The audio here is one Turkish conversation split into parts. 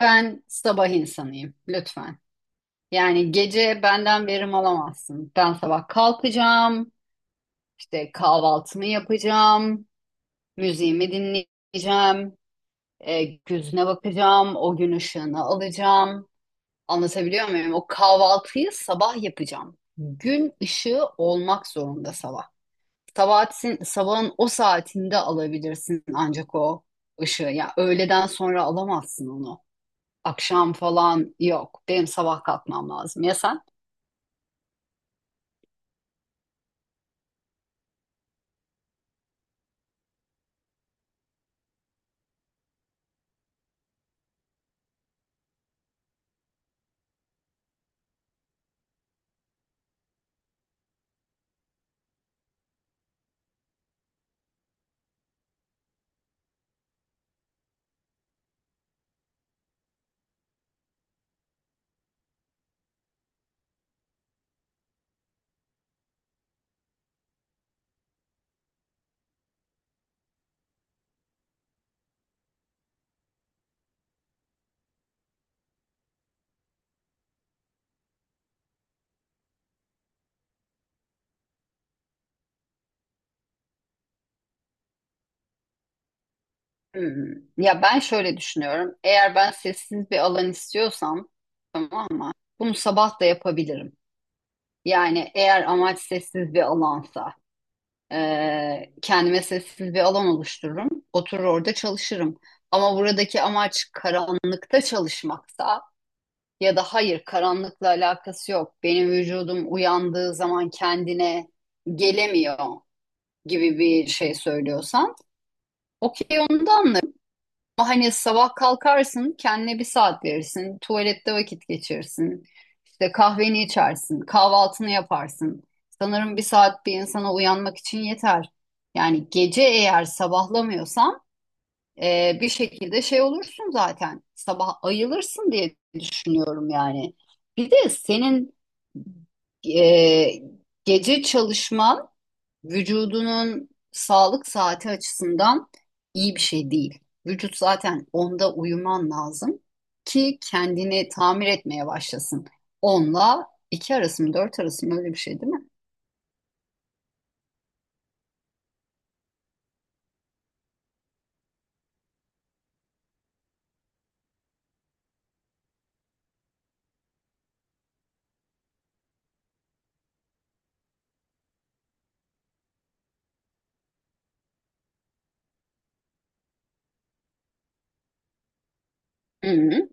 Ben sabah insanıyım lütfen. Yani gece benden verim alamazsın. Ben sabah kalkacağım, işte kahvaltımı yapacağım, müziğimi dinleyeceğim, gözüne bakacağım, o gün ışığını alacağım. Anlatabiliyor muyum? O kahvaltıyı sabah yapacağım. Gün ışığı olmak zorunda sabah. Sabahatin, sabahın o saatinde alabilirsin ancak o ışığı. Ya öğleden sonra alamazsın onu. Akşam falan yok. Benim sabah kalkmam lazım. Ya sen? Hmm. Ya ben şöyle düşünüyorum. Eğer ben sessiz bir alan istiyorsam tamam mı? Bunu sabah da yapabilirim. Yani eğer amaç sessiz bir alansa kendime sessiz bir alan oluştururum. Oturur orada çalışırım. Ama buradaki amaç karanlıkta çalışmaksa ya da hayır karanlıkla alakası yok. Benim vücudum uyandığı zaman kendine gelemiyor. Gibi bir şey söylüyorsan okey onu da anlarım. Ama hani sabah kalkarsın kendine bir saat verirsin. Tuvalette vakit geçirirsin. İşte kahveni içersin. Kahvaltını yaparsın. Sanırım bir saat bir insana uyanmak için yeter. Yani gece eğer sabahlamıyorsan bir şekilde şey olursun zaten. Sabah ayılırsın diye düşünüyorum yani. Bir de senin e, gece çalışman vücudunun sağlık saati açısından iyi bir şey değil. Vücut zaten onda uyuman lazım ki kendini tamir etmeye başlasın. Onla 2 arası mı 4 arası mı öyle bir şey değil mi? Hı hı.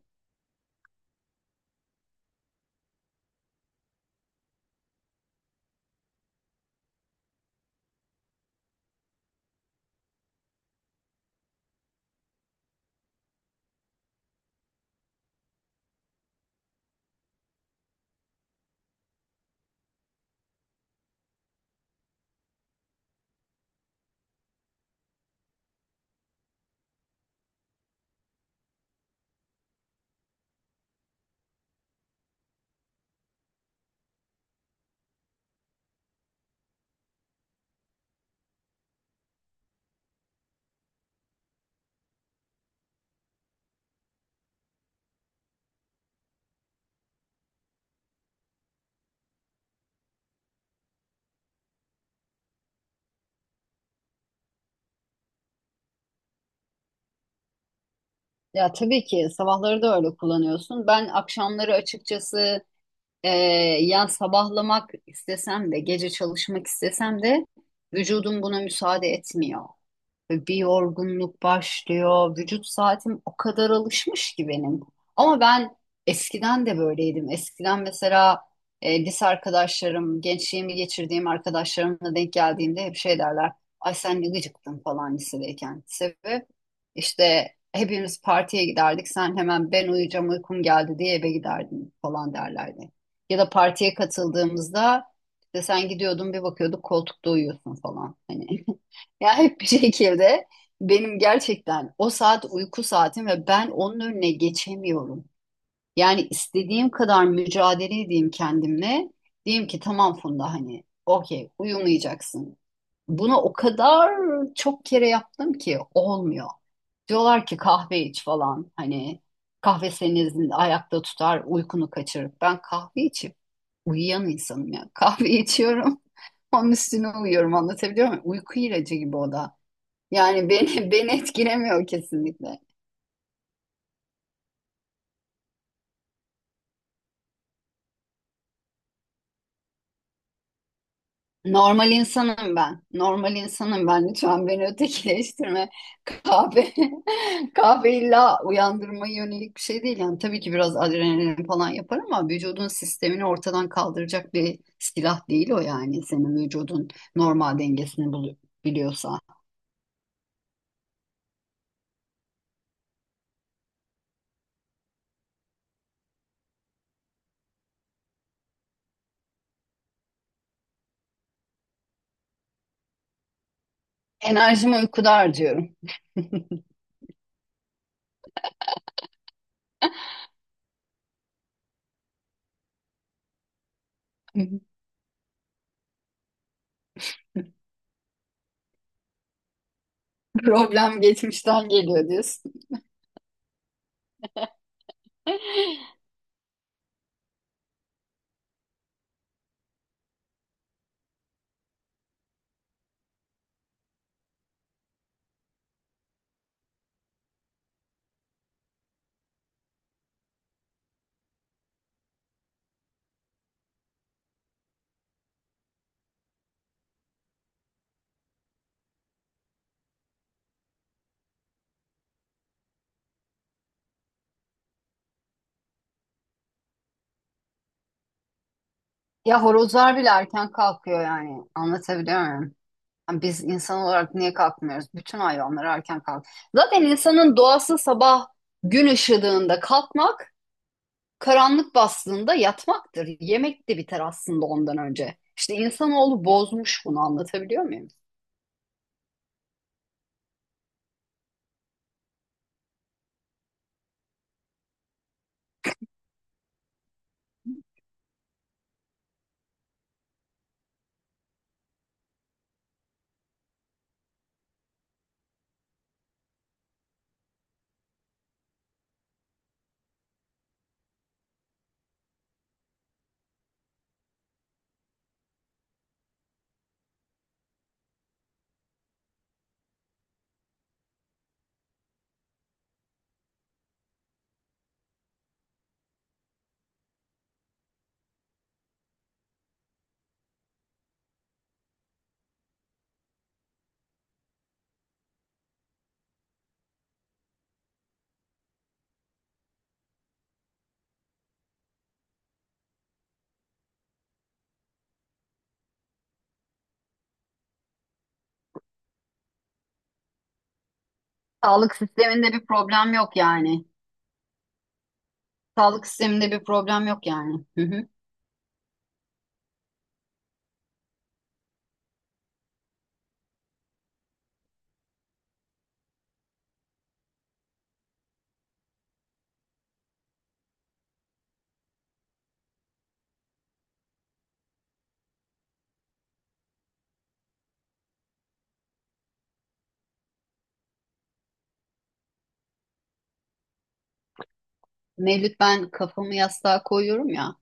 Ya tabii ki sabahları da öyle kullanıyorsun. Ben akşamları açıkçası e, yani sabahlamak istesem de gece çalışmak istesem de vücudum buna müsaade etmiyor. Ve bir yorgunluk başlıyor. Vücut saatim o kadar alışmış ki benim. Ama ben eskiden de böyleydim. Eskiden mesela lise arkadaşlarım, gençliğimi geçirdiğim arkadaşlarımla denk geldiğimde hep şey derler. Ay sen ne gıcıktın falan lisedeyken. Sebep işte hepimiz partiye giderdik. Sen hemen ben uyuyacağım uykum geldi diye eve giderdin falan derlerdi. Ya da partiye katıldığımızda işte sen gidiyordun bir bakıyorduk koltukta uyuyorsun falan. Hani Ya hep bir şekilde benim gerçekten o saat uyku saatim ve ben onun önüne geçemiyorum. Yani istediğim kadar mücadele edeyim kendimle. Diyeyim ki tamam Funda hani okey uyumayacaksın. Bunu o kadar çok kere yaptım ki olmuyor. Diyorlar ki kahve iç falan hani kahve senin ayakta tutar uykunu kaçırır. Ben kahve içip uyuyan insanım ya. Kahve içiyorum onun üstüne uyuyorum, anlatabiliyor muyum? Uyku ilacı gibi o da. Yani beni beni etkilemiyor kesinlikle. Normal insanım ben. Normal insanım ben. Lütfen beni ötekileştirme. Kahve kahve illa uyandırmaya yönelik bir şey değil. Yani tabii ki biraz adrenalin falan yapar ama vücudun sistemini ortadan kaldıracak bir silah değil o yani. Senin vücudun normal dengesini biliyorsa. Enerjimi uykuda harcıyorum. Problem geçmişten geliyor diyorsun. Ya horozlar bile erken kalkıyor yani. Anlatabiliyor muyum? Yani biz insan olarak niye kalkmıyoruz? Bütün hayvanlar erken kalk. Zaten insanın doğası sabah gün ışıdığında kalkmak, karanlık bastığında yatmaktır. Yemek de biter aslında ondan önce. İşte insanoğlu bozmuş bunu, anlatabiliyor muyum? Sağlık sisteminde bir problem yok yani. Sağlık sisteminde bir problem yok yani. Hı hı. Mevlüt, ben kafamı yastığa koyuyorum ya.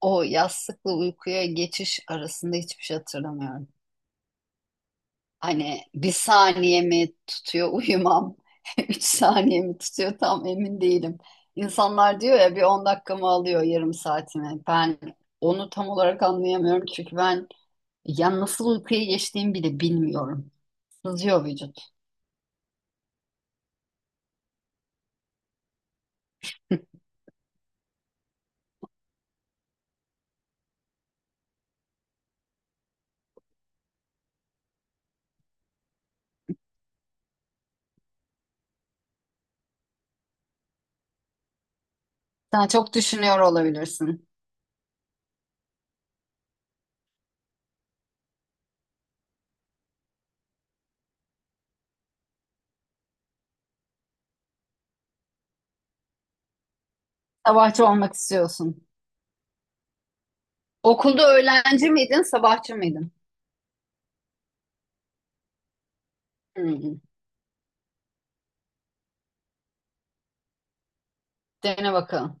O yastıkla uykuya geçiş arasında hiçbir şey hatırlamıyorum. Hani bir saniye mi tutuyor uyumam? 3 saniye mi tutuyor? Tam emin değilim. İnsanlar diyor ya bir 10 dakikamı alıyor, yarım saatimi. Ben onu tam olarak anlayamıyorum çünkü ben ya nasıl uykuya geçtiğimi bile bilmiyorum. Sızıyor vücut. Sen çok düşünüyor olabilirsin. Sabahçı olmak istiyorsun. Okulda öğlenci miydin, sabahçı mıydın? Hmm. Dene bakalım.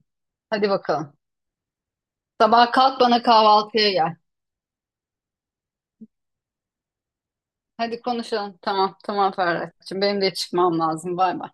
Hadi bakalım. Sabah kalk bana kahvaltıya gel. Hadi konuşalım. Tamam, tamam Ferhat'cığım. Benim de çıkmam lazım. Bay bay.